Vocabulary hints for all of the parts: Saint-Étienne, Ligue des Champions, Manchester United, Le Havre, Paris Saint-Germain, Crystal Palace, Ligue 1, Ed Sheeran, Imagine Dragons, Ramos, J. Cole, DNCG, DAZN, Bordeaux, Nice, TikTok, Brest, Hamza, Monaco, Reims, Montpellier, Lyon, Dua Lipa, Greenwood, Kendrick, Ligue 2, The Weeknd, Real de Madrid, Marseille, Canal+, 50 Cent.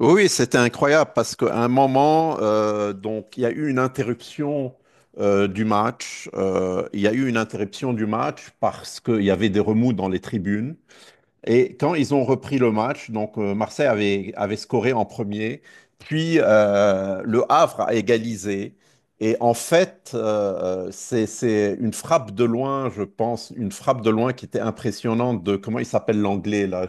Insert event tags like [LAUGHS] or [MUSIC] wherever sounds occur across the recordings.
Oui, c'était incroyable parce qu'à un moment, donc il y a eu une interruption du match. Il y a eu une interruption du match parce qu'il y avait des remous dans les tribunes. Et quand ils ont repris le match, Marseille avait scoré en premier, puis le Havre a égalisé. Et en fait, c'est une frappe de loin, je pense, une frappe de loin qui était impressionnante de comment il s'appelle l'anglais là.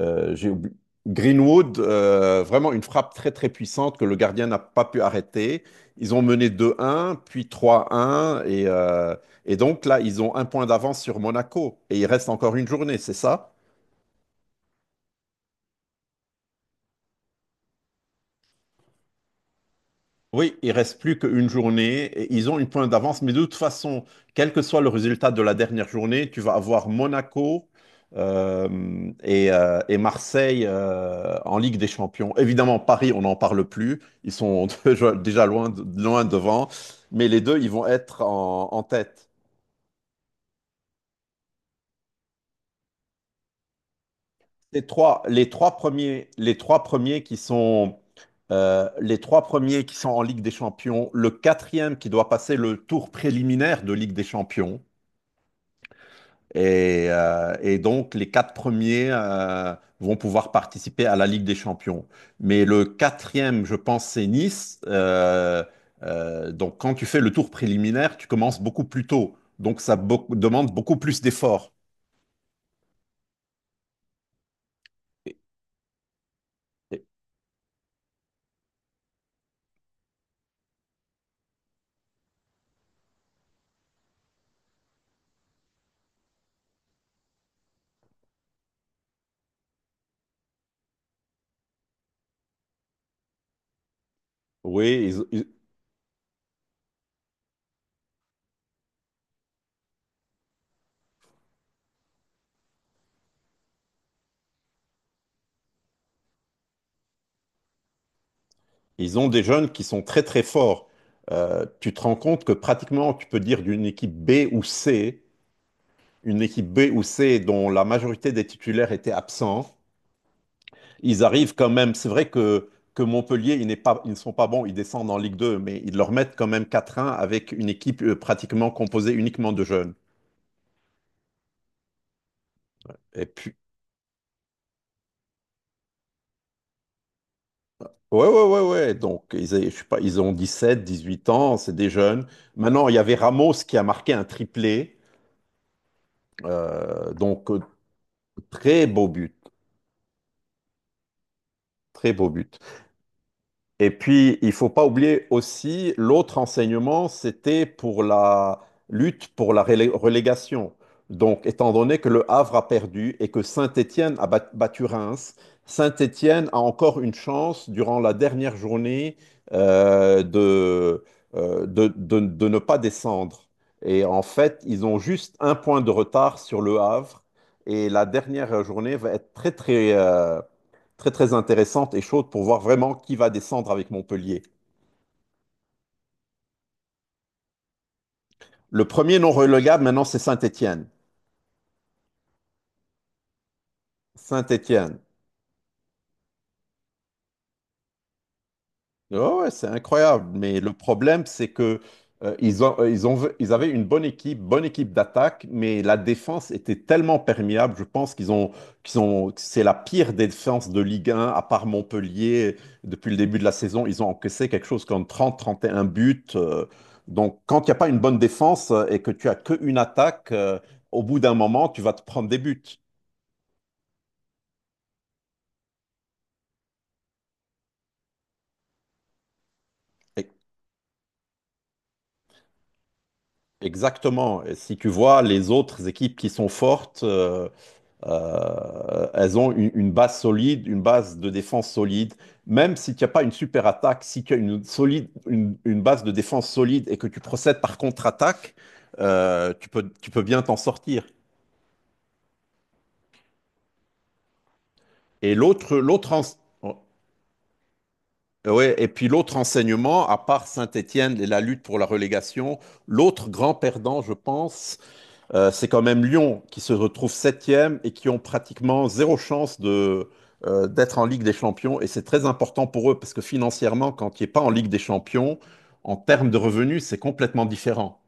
Euh, j'ai oublié- Greenwood, vraiment une frappe très très puissante que le gardien n'a pas pu arrêter. Ils ont mené 2-1, puis 3-1, et donc là, ils ont un point d'avance sur Monaco, et il reste encore une journée, c'est ça? Oui, il reste plus qu'une journée. Ils ont une pointe d'avance, mais de toute façon, quel que soit le résultat de la dernière journée, tu vas avoir Monaco et Marseille en Ligue des Champions. Évidemment, Paris, on n'en parle plus. Ils sont [LAUGHS] déjà loin, loin devant, mais les deux, ils vont être en tête. Les trois premiers qui sont en Ligue des Champions, le quatrième qui doit passer le tour préliminaire de Ligue des Champions. Et donc, les quatre premiers vont pouvoir participer à la Ligue des Champions. Mais le quatrième, je pense, c'est Nice. Donc, quand tu fais le tour préliminaire, tu commences beaucoup plus tôt. Donc, demande beaucoup plus d'efforts. Et- et- Oui, ils ont des jeunes qui sont très, très forts. Tu te rends compte que pratiquement, tu peux dire d'une équipe B ou C, une équipe B ou C dont la majorité des titulaires étaient absents. Ils arrivent quand même. C'est vrai que Montpellier, ils ne sont pas bons, ils descendent en Ligue 2, mais ils leur mettent quand même quatre 1 avec une équipe pratiquement composée uniquement de jeunes. Et puis, ouais. Donc, je sais pas, ils ont 17, 18 ans, c'est des jeunes. Maintenant, il y avait Ramos qui a marqué un triplé. Euh, donc, euh, très beau but. Très beau but. Et puis, il faut pas oublier aussi, l'autre enseignement, c'était pour la lutte pour la relégation. Donc, étant donné que le Havre a perdu et que Saint-Étienne a battu Reims, Saint-Étienne a encore une chance durant la dernière journée euh, de, de ne pas descendre. Et en fait, ils ont juste un point de retard sur le Havre. Et la dernière journée va être très très intéressante et chaude pour voir vraiment qui va descendre avec Montpellier. Le premier non relégable maintenant, c'est Saint-Étienne. Saint-Étienne. Ouais, ouais, c'est incroyable. Mais le problème, c'est que ils ont, ils avaient une bonne équipe d'attaque, mais la défense était tellement perméable. Je pense qu'ils ont, c'est la pire défense de Ligue 1, à part Montpellier. Depuis le début de la saison, ils ont encaissé quelque chose comme trente et un buts. Donc, quand il n'y a pas une bonne défense et que tu as qu'une attaque, au bout d'un moment, tu vas te prendre des buts. E- Exactement. Et si tu vois les autres équipes qui sont fortes. Elles ont une base solide, une base de défense solide. Même si tu n'as pas une super attaque, si tu as une base de défense solide et que tu procèdes par contre-attaque, tu peux bien t'en sortir. Et l'autre, l'autre ense- ouais, et puis l'autre enseignement, à part Saint-Étienne et la lutte pour la relégation, l'autre grand perdant, je pense, c'est quand même Lyon qui se retrouve septième et qui ont pratiquement zéro chance d'être en Ligue des Champions. Et c'est très important pour eux parce que financièrement, quand tu n'es pas en Ligue des Champions, en termes de revenus, c'est complètement différent.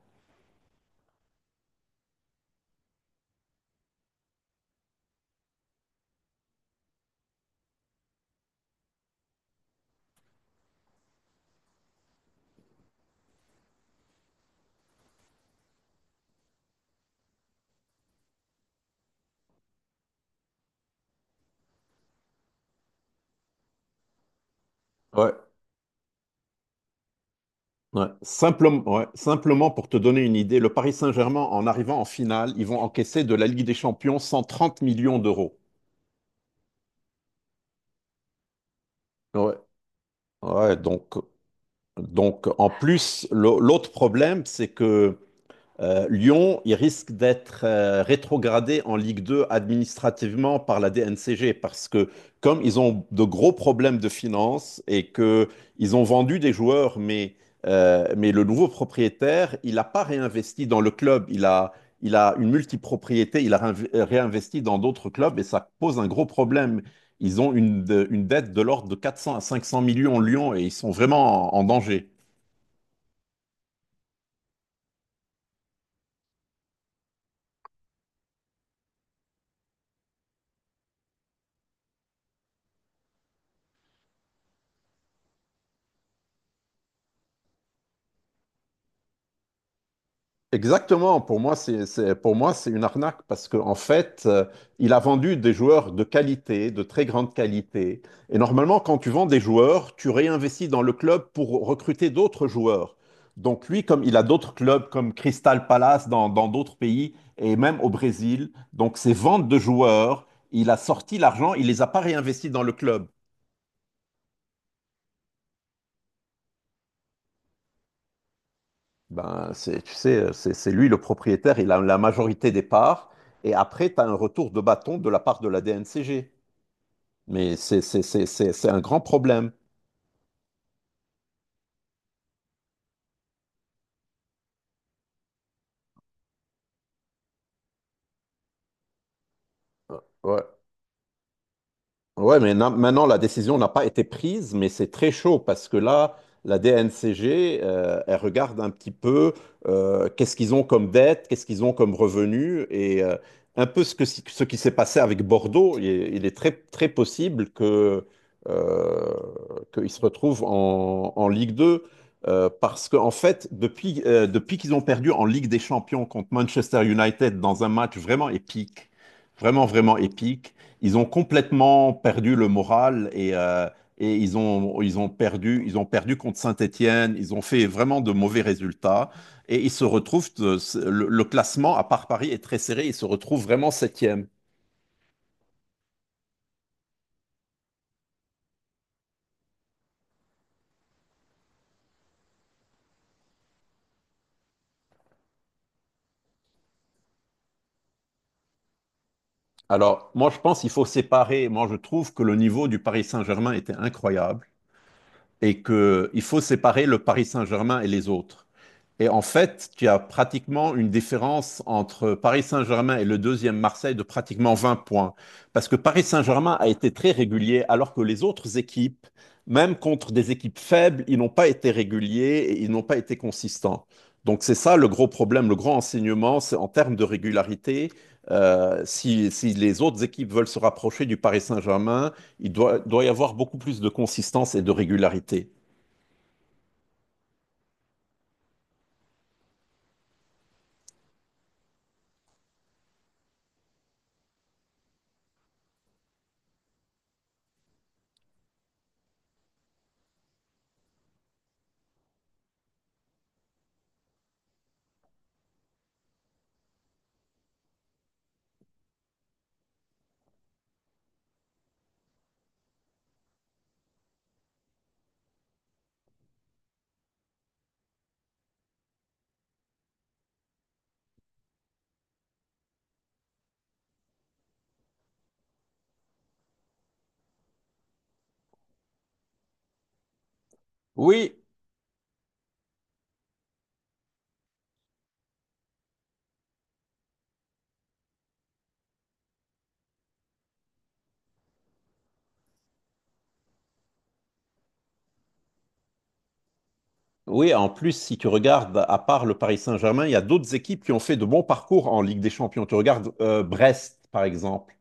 Ouais, ouais. Simplement, ouais. Simplement pour te donner une idée, le Paris Saint-Germain, en arrivant en finale, ils vont encaisser de la Ligue des Champions 130 millions d'euros. Ouais. Ouais, donc, donc, en plus, l'autre problème, c'est que Lyon, il risque d'être rétrogradé en Ligue 2 administrativement par la DNCG parce que comme ils ont de gros problèmes de finances et que ils ont vendu des joueurs, mais le nouveau propriétaire, il n'a pas réinvesti dans le club, il a une multipropriété, il a réinvesti dans d'autres clubs et ça pose un gros problème. Ils ont une dette de l'ordre de 400 à 500 millions Lyon et ils sont vraiment en danger. Exactement, pour moi, pour moi, c'est une arnaque parce qu'en fait, il a vendu des joueurs de qualité, de très grande qualité. Et normalement, quand tu vends des joueurs, tu réinvestis dans le club pour recruter d'autres joueurs. Donc lui, comme il a d'autres clubs comme Crystal Palace dans d'autres pays et même au Brésil, donc ses ventes de joueurs, il a sorti l'argent, il les a pas réinvestis dans le club. Ben, tu sais, c'est lui le propriétaire, il a la majorité des parts, et après, tu as un retour de bâton de la part de la DNCG. Mais c'est un grand problème. Ouais. Ouais, maintenant, la décision n'a pas été prise, mais c'est très chaud parce que là, la DNCG, elle regarde un petit peu qu'est-ce qu'ils ont comme dette, qu'est-ce qu'ils ont comme revenus et un peu ce que, si, ce qui s'est passé avec Bordeaux. Il est très, très possible euh, qu'ils se retrouvent en Ligue 2 parce qu'en fait, depuis qu'ils ont perdu en Ligue des Champions contre Manchester United dans un match vraiment épique, vraiment, vraiment épique, ils ont complètement perdu le moral et ils ont perdu contre Saint-Étienne. Ils ont fait vraiment de mauvais résultats et ils se retrouvent, le classement, à part Paris, est très serré. Ils se retrouvent vraiment septième. Alors, moi, je pense qu'il faut séparer. Moi, je trouve que le niveau du Paris Saint-Germain était incroyable et qu'il faut séparer le Paris Saint-Germain et les autres. Et en fait, tu as pratiquement une différence entre Paris Saint-Germain et le deuxième Marseille de pratiquement 20 points. Parce que Paris Saint-Germain a été très régulier, alors que les autres équipes, même contre des équipes faibles, ils n'ont pas été réguliers et ils n'ont pas été consistants. Donc c'est ça le gros problème, le grand enseignement, c'est en termes de régularité. Si les autres équipes veulent se rapprocher du Paris Saint-Germain, doit y avoir beaucoup plus de consistance et de régularité. Oui, Oui, en plus, si tu regardes, à part le Paris Saint-Germain, il y a d'autres équipes qui ont fait de bons parcours en Ligue des Champions. Tu regardes Brest, par exemple.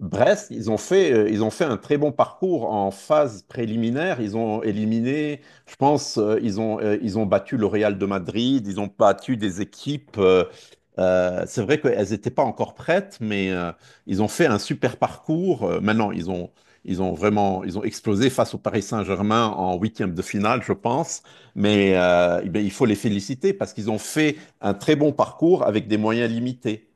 Brest, ils ont fait un très bon parcours en phase préliminaire. Ils ont éliminé, je pense, ils ont battu le Real de Madrid, ils ont battu des équipes. C'est vrai qu'elles n'étaient pas encore prêtes, mais ils ont fait un super parcours. Maintenant, ils ont vraiment, ils ont explosé face au Paris Saint-Germain en huitième de finale, je pense. Mais eh bien, il faut les féliciter parce qu'ils ont fait un très bon parcours avec des moyens limités.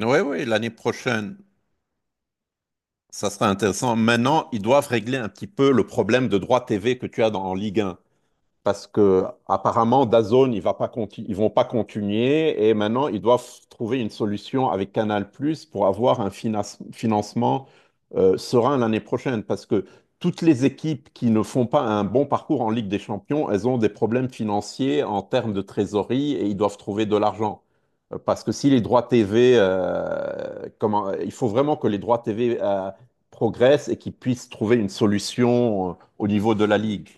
Oui, oui, l'année prochaine. Ça serait intéressant. Maintenant, ils doivent régler un petit peu le problème de droit TV que tu as en Ligue 1 parce que apparemment DAZN il va pas ils vont pas continuer et maintenant ils doivent trouver une solution avec Canal+ pour avoir un financement serein l'année prochaine parce que toutes les équipes qui ne font pas un bon parcours en Ligue des Champions, elles ont des problèmes financiers en termes de trésorerie et ils doivent trouver de l'argent. Parce que si les droits TV, il faut vraiment que les droits TV progressent et qu'ils puissent trouver une solution au niveau de la Ligue.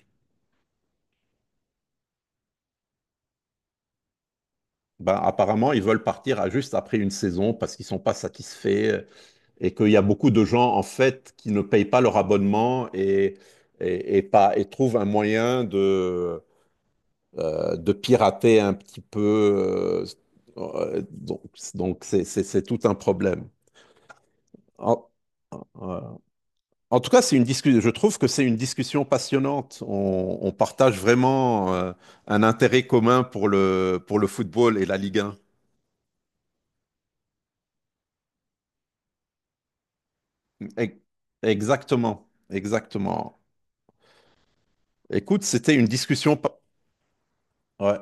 Ben, apparemment, ils veulent partir à juste après une saison parce qu'ils sont pas satisfaits euh, et qu'il y a beaucoup de gens en fait qui ne payent pas leur abonnement et pas, et trouvent un moyen de pirater un petit peu. euh, euh, donc, donc c'est tout un problème. En, euh, En tout cas, c'est une discussion. Je trouve que c'est une discussion passionnante. On partage vraiment un intérêt commun pour pour le football et la Ligue 1. E- Exactement, exactement. Écoute, c'était une discussion. Ouais.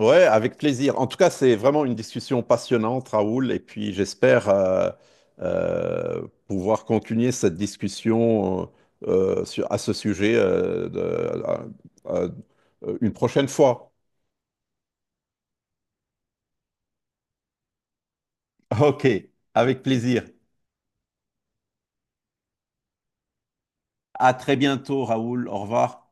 Ouais, avec plaisir. En tout cas, c'est vraiment une discussion passionnante, Raoul, et puis j'espère pouvoir continuer cette discussion à ce sujet euh, une prochaine fois. [LAUGHS] Ok, avec plaisir. À très bientôt, Raoul. Au revoir.